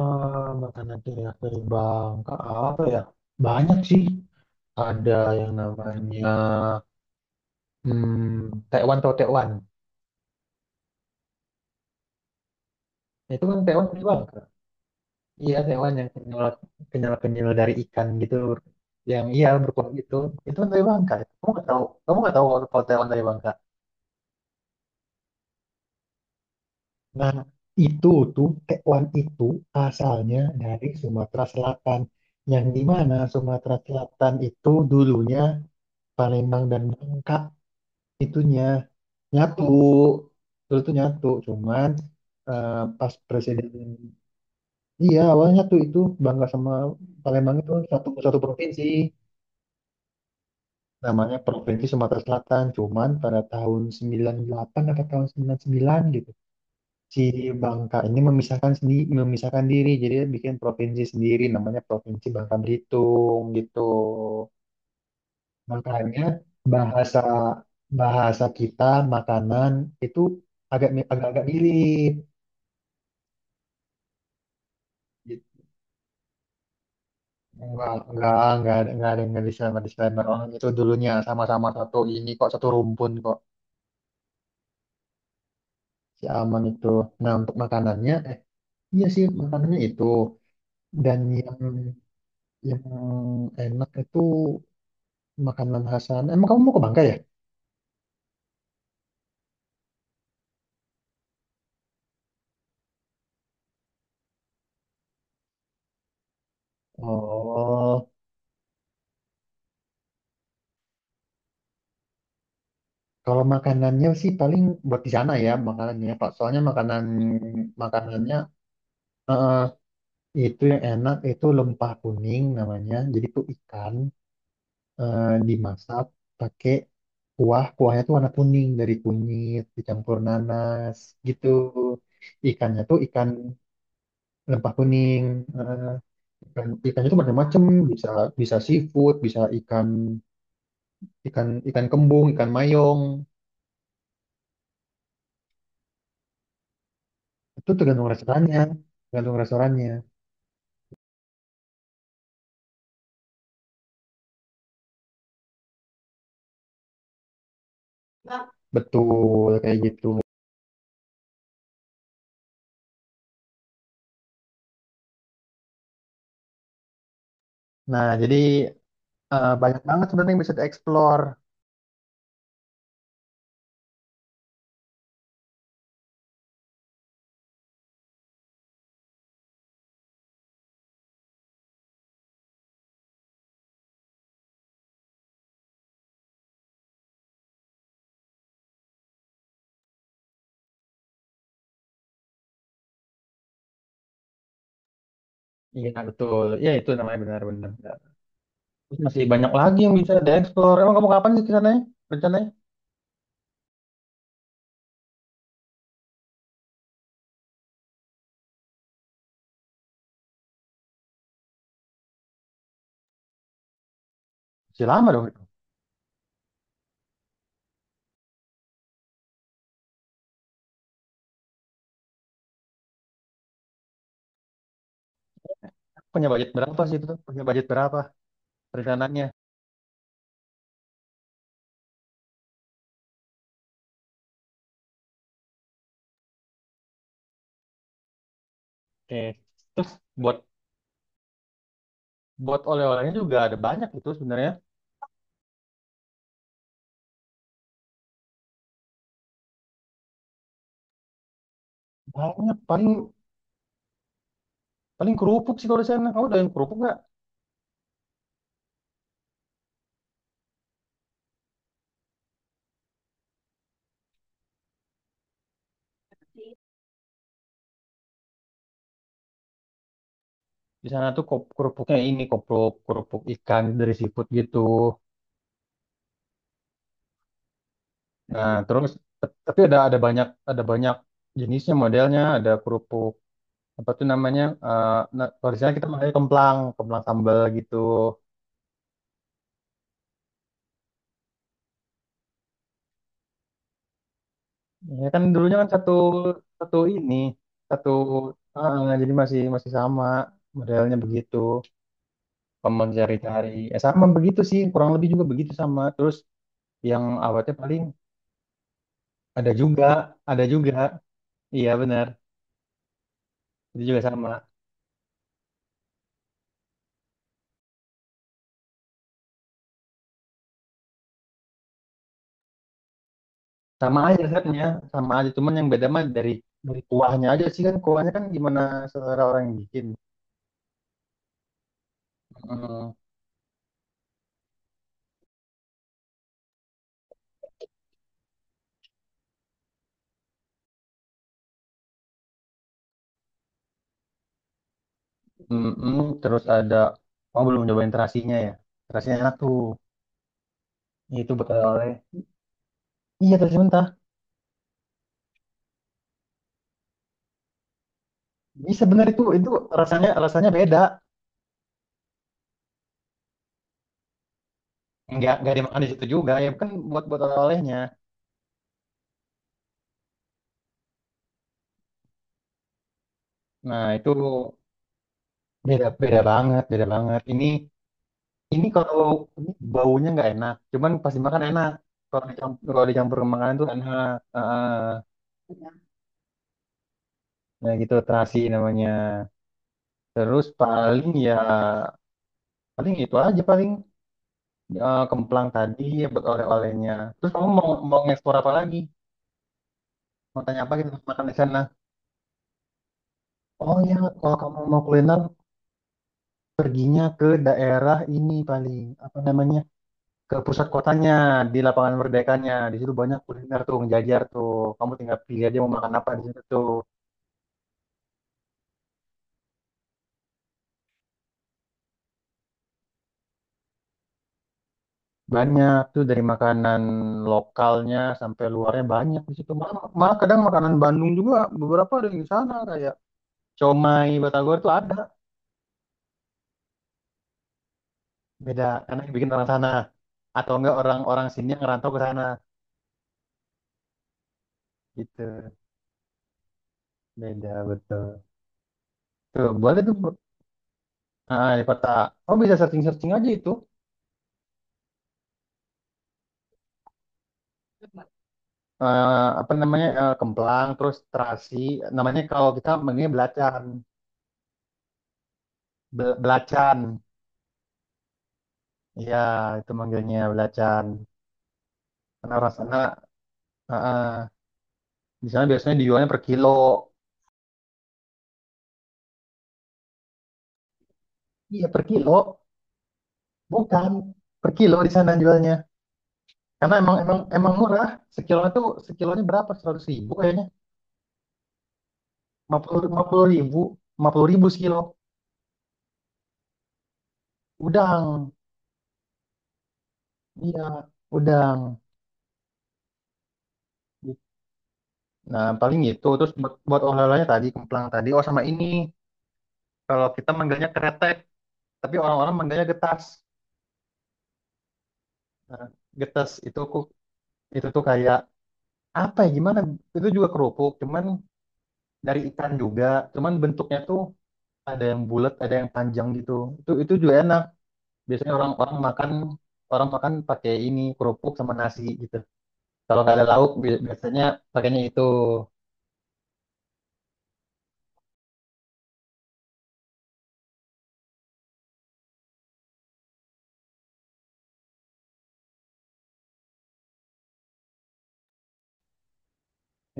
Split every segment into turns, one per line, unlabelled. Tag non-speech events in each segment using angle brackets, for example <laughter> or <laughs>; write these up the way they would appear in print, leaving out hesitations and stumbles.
Makanan ciri khas dari Bangka apa ya? Banyak sih. Ada yang namanya tekwan atau tekwan. Nah, itu kan tekwan dari Bangka. Iya, tekwan yang kenyal kenyal kenyal dari ikan gitu. Yang iya berkuah gitu. Itu kan dari Bangka. Kamu nggak tahu? Kamu nggak tahu kalau kalau tekwan dari Bangka? Nah, itu tuh tekwan itu asalnya dari Sumatera Selatan. Yang di mana Sumatera Selatan itu dulunya Palembang dan Bangka itunya. Nyatu terus tuh nyatu cuman eh, pas presiden iya awalnya nyatu itu Bangka sama Palembang itu satu satu provinsi namanya Provinsi Sumatera Selatan, cuman pada tahun 98 atau tahun 99 gitu si Bangka ini memisahkan sendiri, memisahkan diri, jadi dia bikin provinsi sendiri namanya Provinsi Bangka Belitung gitu. Makanya bahasa bahasa kita, makanan itu agak-agak mirip gitu. Enggak, enggak, enggak ada yang disclaimer disclaimer, orang itu dulunya sama-sama satu ini kok, satu rumpun kok, si Aman itu. Nah, untuk makanannya, iya sih makanannya itu, dan yang enak itu makanan khas sana. Emang kamu mau ke Bangka ya? Oh, kalau makanannya sih paling buat di sana ya makanannya, Pak. Soalnya makanan makanannya eh, itu yang enak itu lempah kuning namanya. Jadi itu ikan, dimasak pakai kuah. Kuahnya tuh warna kuning dari kunyit dicampur nanas gitu. Ikannya tuh ikan lempah kuning. Eh, ikannya tuh macam-macam. Bisa bisa seafood, bisa ikan ikan ikan kembung, ikan mayong. Itu tergantung restorannya, tergantung restorannya. Betul kayak gitu. Nah, jadi banyak banget sebenarnya yang bisa dieksplor. Iya, betul. Ya, itu namanya benar-benar. Terus masih banyak lagi yang bisa dieksplor. Emang kamu kapan sih ke rencananya? Masih lama dong. Punya budget berapa sih itu? Punya budget berapa rencananya? Oke. Terus buat buat oleh-olehnya juga ada banyak itu sebenarnya. Banyak, paling paling kerupuk sih kalau di sana. Kamu udah yang kerupuk nggak? Di sana tuh kerupuknya ini kerupuk kerupuk ikan dari seafood gitu. Nah, terus tapi ada ada banyak jenisnya, modelnya ada kerupuk apa tuh namanya nah, kalau di sana kita makannya kemplang, kemplang sambal gitu. Ya kan dulunya kan satu satu ini satu jadi masih masih sama modelnya begitu, pemen cari-cari sama begitu sih, kurang lebih juga begitu sama, terus yang awetnya paling ada juga, ada juga, iya benar, itu juga sama Sama aja setnya, sama aja, cuman yang beda mah dari kuahnya aja sih, kan kuahnya kan gimana selera orang yang bikin. Mm, mm. Terus ada oh belum nyobain terasinya ya, terasinya enak tuh, itu betul oleh iya terasi mentah. Bisa, bener itu, rasanya rasanya beda. Nggak dimakan di situ juga ya, kan buat buat oleh-olehnya. Nah itu beda beda banget, beda banget. Ini kalau ini baunya nggak enak, cuman pas dimakan enak. Kalau dicampur ke makanan tuh enak. Heeh. Nah gitu terasi namanya. Terus paling ya itu aja, paling kemplang tadi ya buat oleh-olehnya. Terus kamu mau mau ngeksplor apa lagi? Mau tanya apa gitu makan di sana? Oh ya, kalau kamu mau kuliner perginya ke daerah ini paling apa namanya ke pusat kotanya, di Lapangan Merdekanya, di situ banyak kuliner tuh ngejajar tuh, kamu tinggal pilih aja mau makan apa di situ tuh, banyak tuh dari makanan lokalnya sampai luarnya, banyak di situ malah, kadang makanan Bandung juga beberapa ada di sana, kayak comai, Batagor tuh ada, beda karena yang bikin orang sana atau enggak orang-orang sini yang ngerantau ke sana gitu, beda betul tuh, boleh tuh, di kota, oh bisa searching searching aja itu eh, apa namanya, kemplang, terus terasi namanya, kalau kita manggilnya belacan. Belacan, ya, itu manggilnya belacan karena orang sana eh, eh, di sana biasanya dijualnya per kilo, iya per kilo, bukan per kilo di sana jualnya karena emang emang emang murah. Sekilonya berapa, 100.000 kayaknya, 50.000, 50.000 sekilo, udang, iya udang. Nah, paling gitu. Terus buat, olahannya tadi, kemplang tadi. Oh, sama ini. Kalau kita manggilnya kretek, tapi orang-orang manggilnya getas. Nah, getas itu itu tuh kayak apa ya gimana? Itu juga kerupuk, cuman dari ikan juga. Cuman bentuknya tuh ada yang bulat, ada yang panjang gitu. Itu juga enak. Biasanya orang-orang makan, orang makan pakai ini kerupuk sama nasi gitu. Kalau nggak ada lauk biasanya pakainya itu.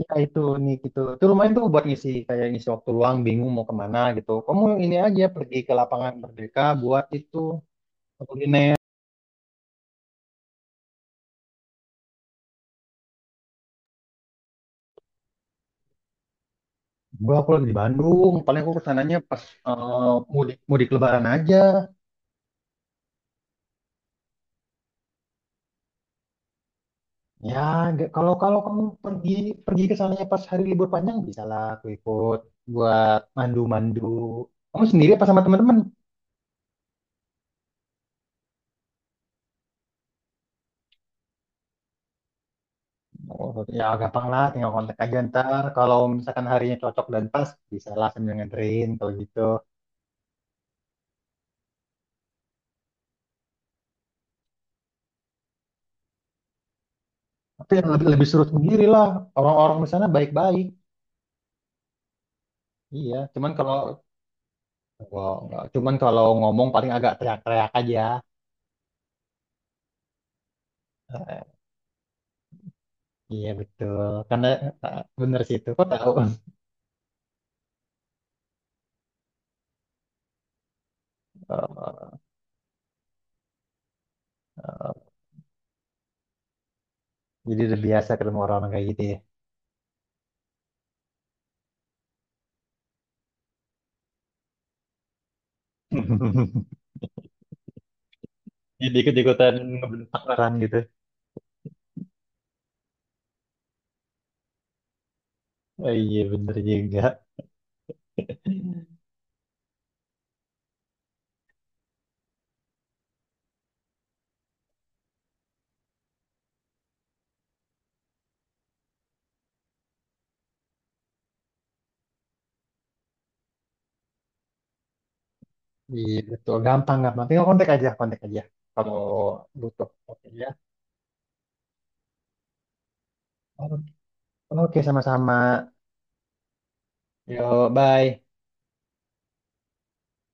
Ya itu nih gitu. Itu lumayan tuh buat ngisi kayak ngisi waktu luang bingung mau kemana gitu. Kamu ini aja pergi ke Lapangan Merdeka buat itu kuliner. Aku lagi di Bandung, paling aku kesananya pas mudik, Lebaran aja. Ya, kalau kalau kamu pergi, ke sananya pas hari libur panjang bisa lah aku ikut buat mandu-mandu. Kamu sendiri apa sama teman-teman? Oh, ya gampang lah, tinggal kontak aja ntar. Kalau misalkan harinya cocok dan pas, bisa lah sambil nganterin kalau gitu. Tapi yang lebih lebih surut sendiri lah, orang-orang di sana baik-baik. Iya, cuman kalau, wah, nggak, cuman kalau ngomong paling agak teriak-teriak aja. Iya betul, karena bener sih itu, kok tahu? <laughs> Eh, eh, jadi udah biasa ketemu orang kayak gitu ya. <laughs> Jadi ikut-ikutan ngebentak orang gitu. Oh, iya bener juga. Iya betul, gampang gampang. Tinggal kontak aja, kontak aja. Kalau butuh. Oke ya. Oke sama-sama. Yo, bye.